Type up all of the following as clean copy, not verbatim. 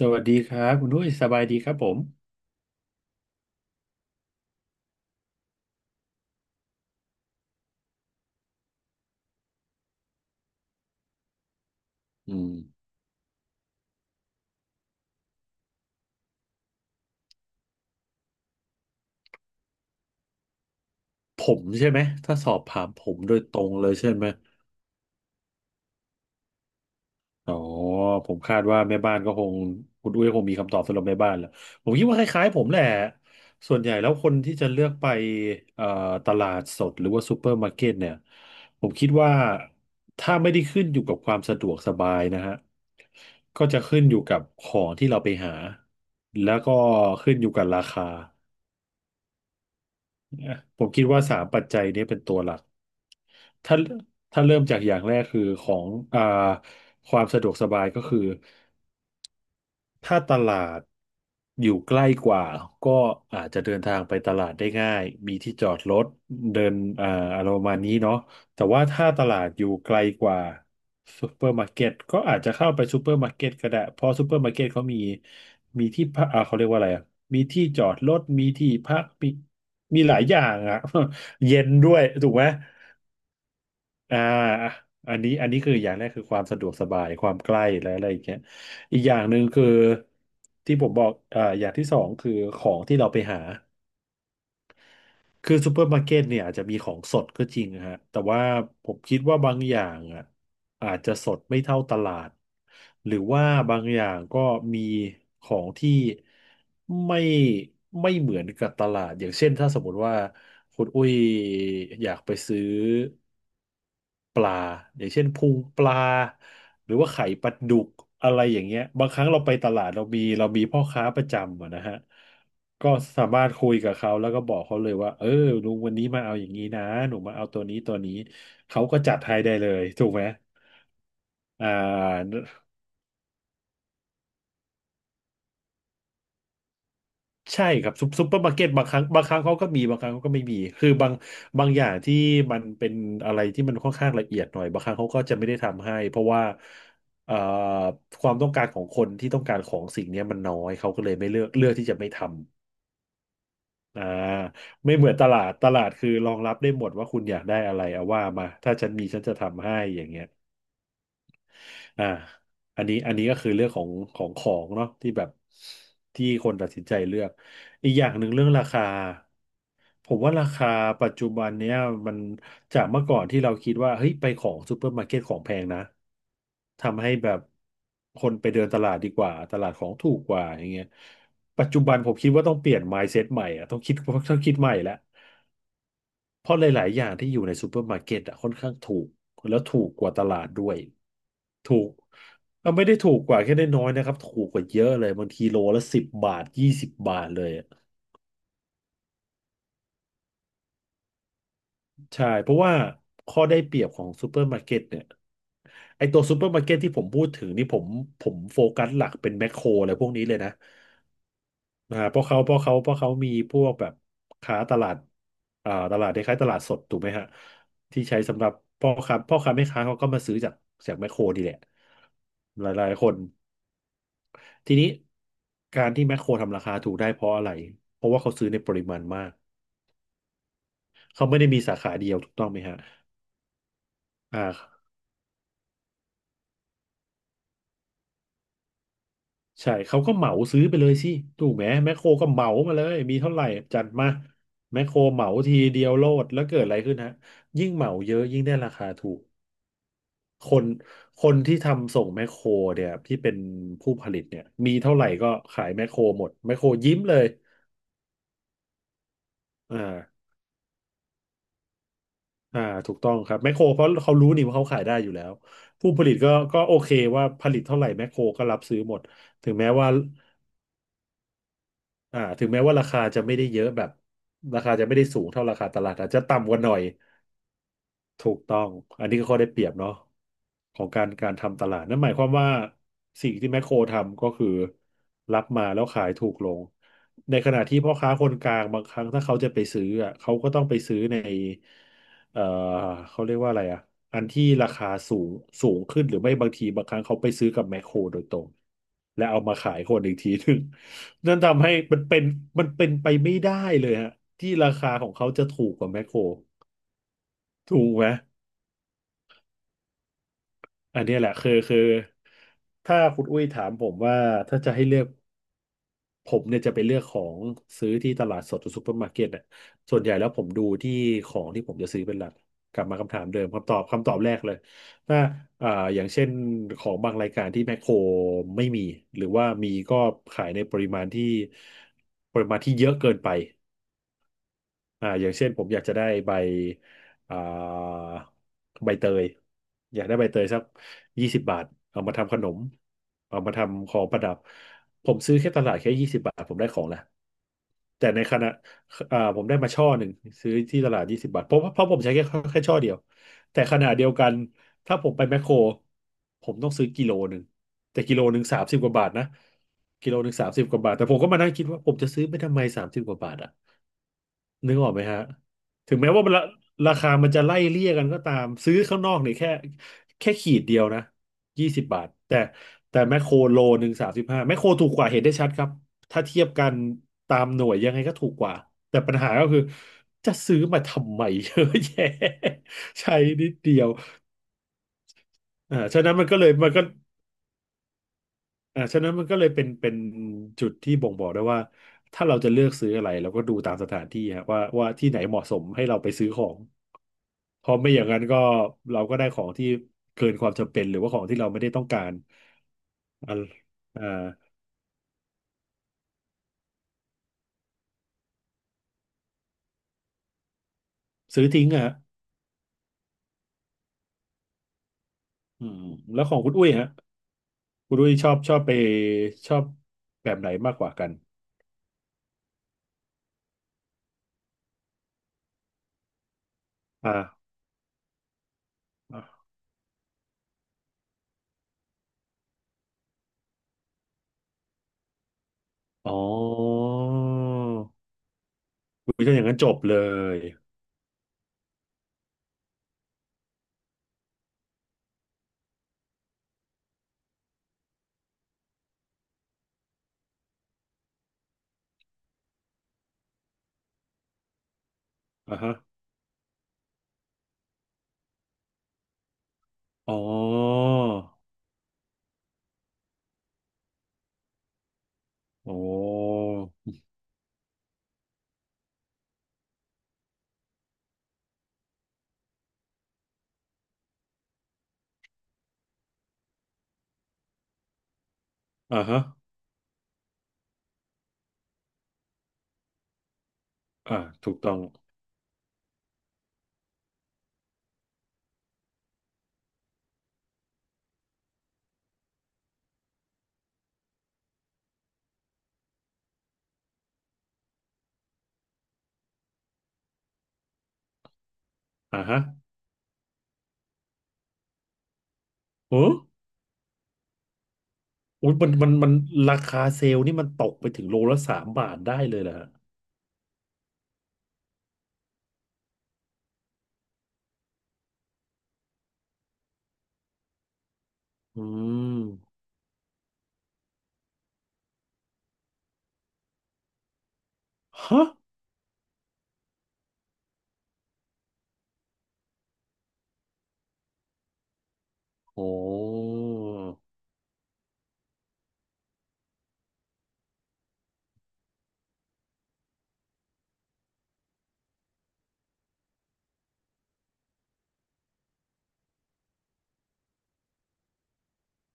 สวัสดีครับคุณด้วยสบายดีครับผมอืมผมใช่ไหมถ้าสอบถามผมโดยตรงเลยใช่ไหมอ๋อผมคาดว่าแม่บ้านก็คงคุณด้ยคงมีคำตอบสำหรับแม่บ้านแหละผมคิดว่าคล้ายๆผมแหละส่วนใหญ่แล้วคนที่จะเลือกไปเอ่อตลาดสดหรือว่าซูเปอร์มาร์เก็ตเนี่ยผมคิดว่าถ้าไม่ได้ขึ้นอยู่กับความสะดวกสบายนะฮะก็จะขึ้นอยู่กับของที่เราไปหาแล้วก็ขึ้นอยู่กับราคา เนี่ยผมคิดว่าสามปัจจัยนี้เป็นตัวหลักถ้าถ้าเริ่มจากอย่างแรกคือของอ่าความสะดวกสบายก็คือ ถ้าตลาดอยู่ใกล้กว่าก็อาจจะเดินทางไปตลาดได้ง่ายมีที่จอดรถเดินอ่าอะไรประมาณนี้เนาะแต่ว่าถ้าตลาดอยู่ไกลกว่าซูเปอร์มาร์เก็ตก็อาจจะเข้าไปซูเปอร์มาร์เก็ตก็ได้เพราะซูเปอร์มาร์เก็ตเขามีมีที่พักอ่าเขาเรียกว่าอะไรอ่ะมีที่จอดรถมีที่พักมีหลายอย่างอ่ะ เย็นด้วยถูกไหม อ่าอันนี้คืออย่างแรกคือความสะดวกสบายความใกล้และอะไรอย่างเงี้ยอีกอย่างหนึ่งคือที่ผมบอกอ่าอย่างที่สองคือของที่เราไปหาคือซูเปอร์มาร์เก็ตเนี่ยอาจจะมีของสดก็จริงฮะแต่ว่าผมคิดว่าบางอย่างอ่ะอาจจะสดไม่เท่าตลาดหรือว่าบางอย่างก็มีของที่ไม่ไม่เหมือนกับตลาดอย่างเช่นถ้าสมมติว่าคุณอุ้ยอยากไปซื้อ ปลาอย่างเช่นพุงปลา หรือว่าไข่ปลาดุกอะไรอย่างเงี้ยบางครั้งเราไปตลาดเรามีพ่อค้าประจำอะนะฮะก็สามารถคุยกับเขาแล้วก็บอกเขาเลยว่าเออลุงวันนี้มาเอาอย่างนี้นะหนูมาเอาตัวนี้ตัวนี้เขาก็จัดให้ได้เลยถูกไหมอ่า ใช่ครับซุปเปอร์มาร์เก็ตบางครั้งเขาก็มีบางครั้งเขาก็ไม่มีคือบางอย่างที่มันเป็นอะไรที่มันค่อนข้างละเอียดหน่อยบางครั้งเขาก็จะไม่ได้ทำให้เพราะว่าเอ่อความต้องการของคนที่ต้องการของสิ่งเนี้ยมันน้อยเขาก็เลยไม่เลือกเลือกที่จะไม่ทำอ่าไม่เหมือนตลาดตลาดคือรองรับได้หมดว่าคุณอยากได้อะไรเอาว่ามาถ้าฉันมีฉันจะทำให้อย่างเงี้ย อ่าอันนี้ก็คือเรื่องของของเนาะที่แบบที่คนตัดสินใจเลือกอีกอย่างหนึ่งเรื่องราคาผมว่าราคาปัจจุบันเนี้ยมันจากเมื่อก่อนที่เราคิดว่าเฮ้ยไปของซูเปอร์มาร์เก็ตของแพงนะทำให้แบบคนไปเดินตลาดดีกว่าตลาดของถูกกว่าอย่างเงี้ยปัจจุบันผมคิดว่าต้องเปลี่ยน mindset ใหม่อะต้องคิดต้องคิดใหม่แล้ว เพราะหลายๆอย่างที่อยู่ในซูเปอร์มาร์เก็ตอะค่อนข้างถูกแล้วถูกกว่าตลาดด้วยถูกก็ไม่ได้ถูกกว่าแค่ได้น้อยนะครับถูกกว่าเยอะเลยบางทีโลละสิบบาท20 บาทเลยอะใช่เพราะว่าข้อได้เปรียบของซูเปอร์มาร์เก็ตเนี่ยไอตัวซูเปอร์มาร์เก็ตที่ผมพูดถึงนี่ผมโฟกัสหลักเป็นแมคโครอะไรพวกนี้เลยนะ อ่าเพราะเขาเพราะเขาเพราะเขามีพวกแบบค้าตลาดอ่าตลาดคล้ายๆตลาดสดถูกไหมฮะที่ใช้สำหรับพ่อค้าแม่ค้าเขาก็มาซื้อจากแมคโครดีแหละหลายๆคนทีนี้การที่แมคโครทำราคาถูกได้เพราะอะไรเพราะว่าเขาซื้อในปริมาณมากเขาไม่ได้มีสาขาเดียวถูกต้องไหมฮะอ่าใช่เขาก็เหมาซื้อไปเลยสิถูกไหมแมคโครก็เหมามาเลยมีเท่าไหร่จัดมาแมคโครเหมาทีเดียวโลดแล้วเกิดอะไรขึ้นฮะยิ่งเหมาเยอะยิ่งได้ราคาถูก คนคนที่ทำส่งแมคโครเนี่ยที่เป็นผู้ผลิตเนี่ยมีเท่าไหร่ก็ขายแมคโครหมดแมคโครยิ้มเลยอ่าอ่าถูกต้องครับแมคโครเพราะเขารู้นี่ว่าเขาขายได้อยู่แล้วผู้ผลิตก็โอเคว่าผลิตเท่าไหร่แมคโครก็รับซื้อหมดถึงแม้ว่าอ่าถึงแม้ว่าราคาจะไม่ได้เยอะแบบราคาจะไม่ได้สูงเท่าราคาตลาดอาจจะต่ำกว่าหน่อย ถูกต้อง อันนี้ก็ข้อได้เปรียบเนาะของการทำตลาดนั่นหมายความว่าสิ่งที่แมคโครทำก็คือรับมาแล้วขายถูกลง ในขณะที่พ่อค้าคนกลางบางครั้งถ้าเขาจะไปซื้ออ่ะเขาก็ต้องไปซื้อในเอ่อเขาเรียกว่าอะไรอ่ะอันที่ราคาสูงสูงขึ้นหรือไม่บางทีบางครั้งเขาไปซื้อกับแมคโครโดยตรงและเอามาขายคนอีกทีหนึ่งนั่นทำให้มันเป็นมันเป็นไปไม่ได้เลยฮะที่ราคาของเขาจะถูกกว่าแมคโครถูกไหม อันเนี้ยแหละคือถ้าคุณอุ้ยถามผมว่าถ้าจะให้เลือกผมเนี่ยจะไปเลือกของซื้อที่ตลาดสดหรือซูเปอร์มาร์เก็ตเนี่ยส่วนใหญ่แล้วผมดูที่ของที่ผมจะซื้อเป็นหลักกลับมาคำถามเดิมคำตอบแรกเลยถ้าอ่าอย่างเช่นของบางรายการที่แมคโครไม่มีหรือว่ามีก็ขายในปริมาณที่ปริมาณที่เยอะเกินไป อ่าอย่างเช่นผมอยากจะได้ใบอ่าใบเตยอยากได้ใบเตยสักยี่สิบบาทเอามาทำขนมเอามาทำของประดับผมซื้อแค่ตลาดแค่ยี่สิบบาทผมได้ของแล้วแต่ในขณะอ่าผมได้มาช่อหนึ่งซื้อที่ตลาดยี่สิบบาทเพราะผมใช้แค่แค่ช่อเดียวแต่ขณะเดียวกันถ้าผมไปแมคโครผมต้องซื้อกิโลหนึ่งแต่กิโลหนึ่งสามสิบกว่าบาทนะกิโลหนึ่งสามสิบกว่าบาทแต่ผมก็มานั่งคิดว่าผมจะซื้อไปทำไมสามสิบกว่าบาทอ่ะ นึกออกไหมฮะถึงแม้ว่าราราคามันจะไล่เลี่ยกันก็ตามซื้อข้างนอกเนี่ยแค่แค่ขีดเดียวนะยี่สิบบาทแต่แต่แมคโคร1 โล 35แมคโครถูกกว่าเห็นได้ชัดครับถ้าเทียบกันตามหน่วยยังไงก็ถูกกว่าแต่ปัญหาก็คือจะซื้อมาทำไม เยอะแยะใช้นิดเดียวอ่าฉะนั้นมันก็เลยมันก็อ่าฉะนั้นมันก็เลยเป็นเป็นจุดที่บ่งบอกได้ว่าถ้าเราจะเลือกซื้ออะไรเราก็ดูตามสถานที่ฮะว่าว่าที่ไหนเหมาะสมให้เราไปซื้อของ เพราะไม่อย่างนั้นก็เราก็ได้ของที่เกินความจำเป็นหรือว่าของที่เราไม่ได้ต้องการอ่าอ่าซื้อทิ้งอะฮะอืมแล้วของคุณอุ้ยฮะคุณอุ้ยชอบชอบไปชอบแบบไหนมากกว่ากันอ่าอ๋อคุณอุ้ยถ้าอย่างนั้นจบเลยอ่าฮะอ๋อโอ้อ่าฮะอ่าถูกต้องอ่าฮะโอ้อุยมันราคาเซลล์นี่มันตกไปถึงโลละ 3 บาทได้เลยเหรอฮะอืม ฮะโอ้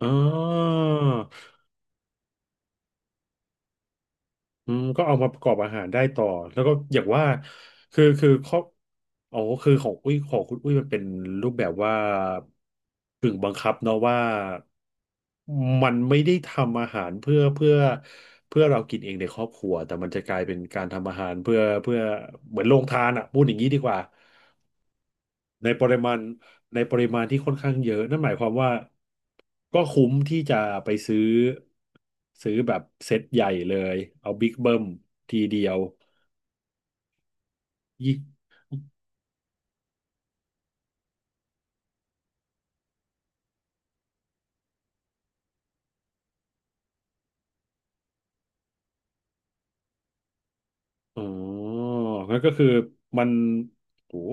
อ่าอืมก็เอามาประกอบอาหารได้ต่อ แล้วก็อย่างว่าคือคือครอบอ๋อคือของอุ้ยของคุณอุ้ยมันเป็นรูปแบบว่าถึงบังคับเนาะว่ามันไม่ได้ทำอาหารเพื่อเพื่อเรากินเองในครอบครัวแต่มันจะกลายเป็นการทำอาหารเพื่อเหมือนโรงทานอ่ะพูดอย่างนี้ดีกว่า ในปริมาณในปริมาณที่ค่อนข้างเยอะนั่นหมายความว่าก็คุ้มที่จะไปซื้อซื้อแบบเซ็ตใหญ่เลยเอาบิ๊กเบิ้มทีเดียวยี่อ๋องั้นก็คือมันโอ้โห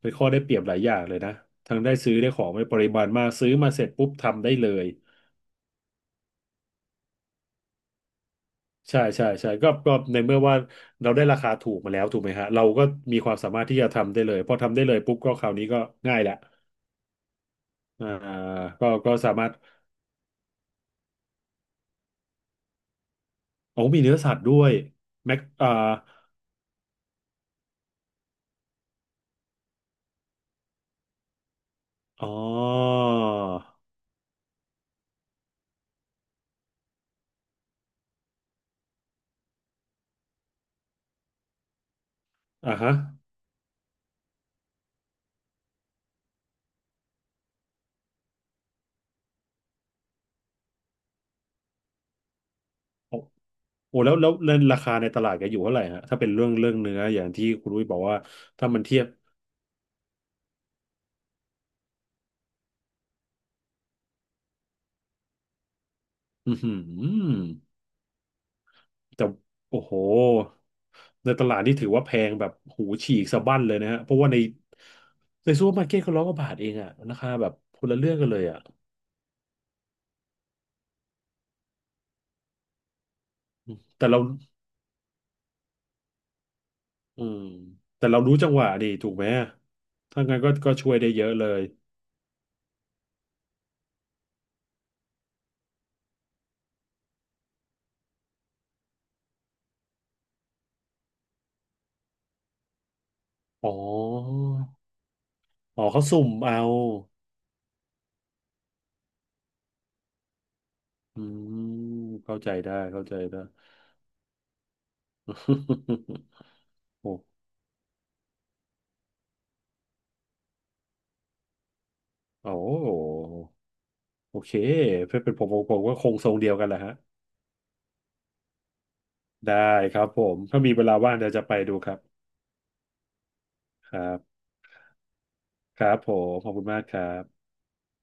เป็นข้อได้เปรียบหลายอย่างเลยนะทั้งได้ซื้อได้ของในปริมาณมากซื้อมาเสร็จปุ๊บทำได้เลยใช่ใช่ใช่ก็ก็ในเมื่อว่าเราได้ราคาถูกมาแล้วถูกไหมฮะเราก็มีความสามารถที่จะทำได้เลยพอทำได้เลยปุ๊บก็คราวนี้ก็ง่ายละ อ่าก็ก็สามารถโอ้มีเนื้อสัตว์ด้วยแม็กอ่าอ๋ออ่าฮะโอ้โอ้แล้วราคาในตลาดแกอยู่เท่าไหร่ฮะถ้าเป็นเรื่องเนื้ออย่างที่คุณรุ้ยบอกว่าถ้ามันเทียบอือหือแต่โอ้โหในตลาดนี่ถือว่าแพงแบบหูฉีกสะบั้นเลยนะฮะเพราะว่าในในซูเปอร์มาร์เก็ตเขาร้อยกว่าบาทเองอะราคาแบบคนละเรื่องกันเลยอะแต่เราอืมแต่เรารู้จังหวะดีถูกไหมถ้างั้นก็ก็ช่วยได้เยอะเลย อ๋ออ๋อเขาสุ่มเอาอืมเข้าใจได้เข้าใจได้ โอ้โอ้โอเค เพื่อเป็นผมก็คงทรงเดียวกันแหละฮะ ได้ครับผม ถ้ามีเวลาว่างเดี๋ยวจะไปดูครับครับ ครับผม ขอบคุณมากครับ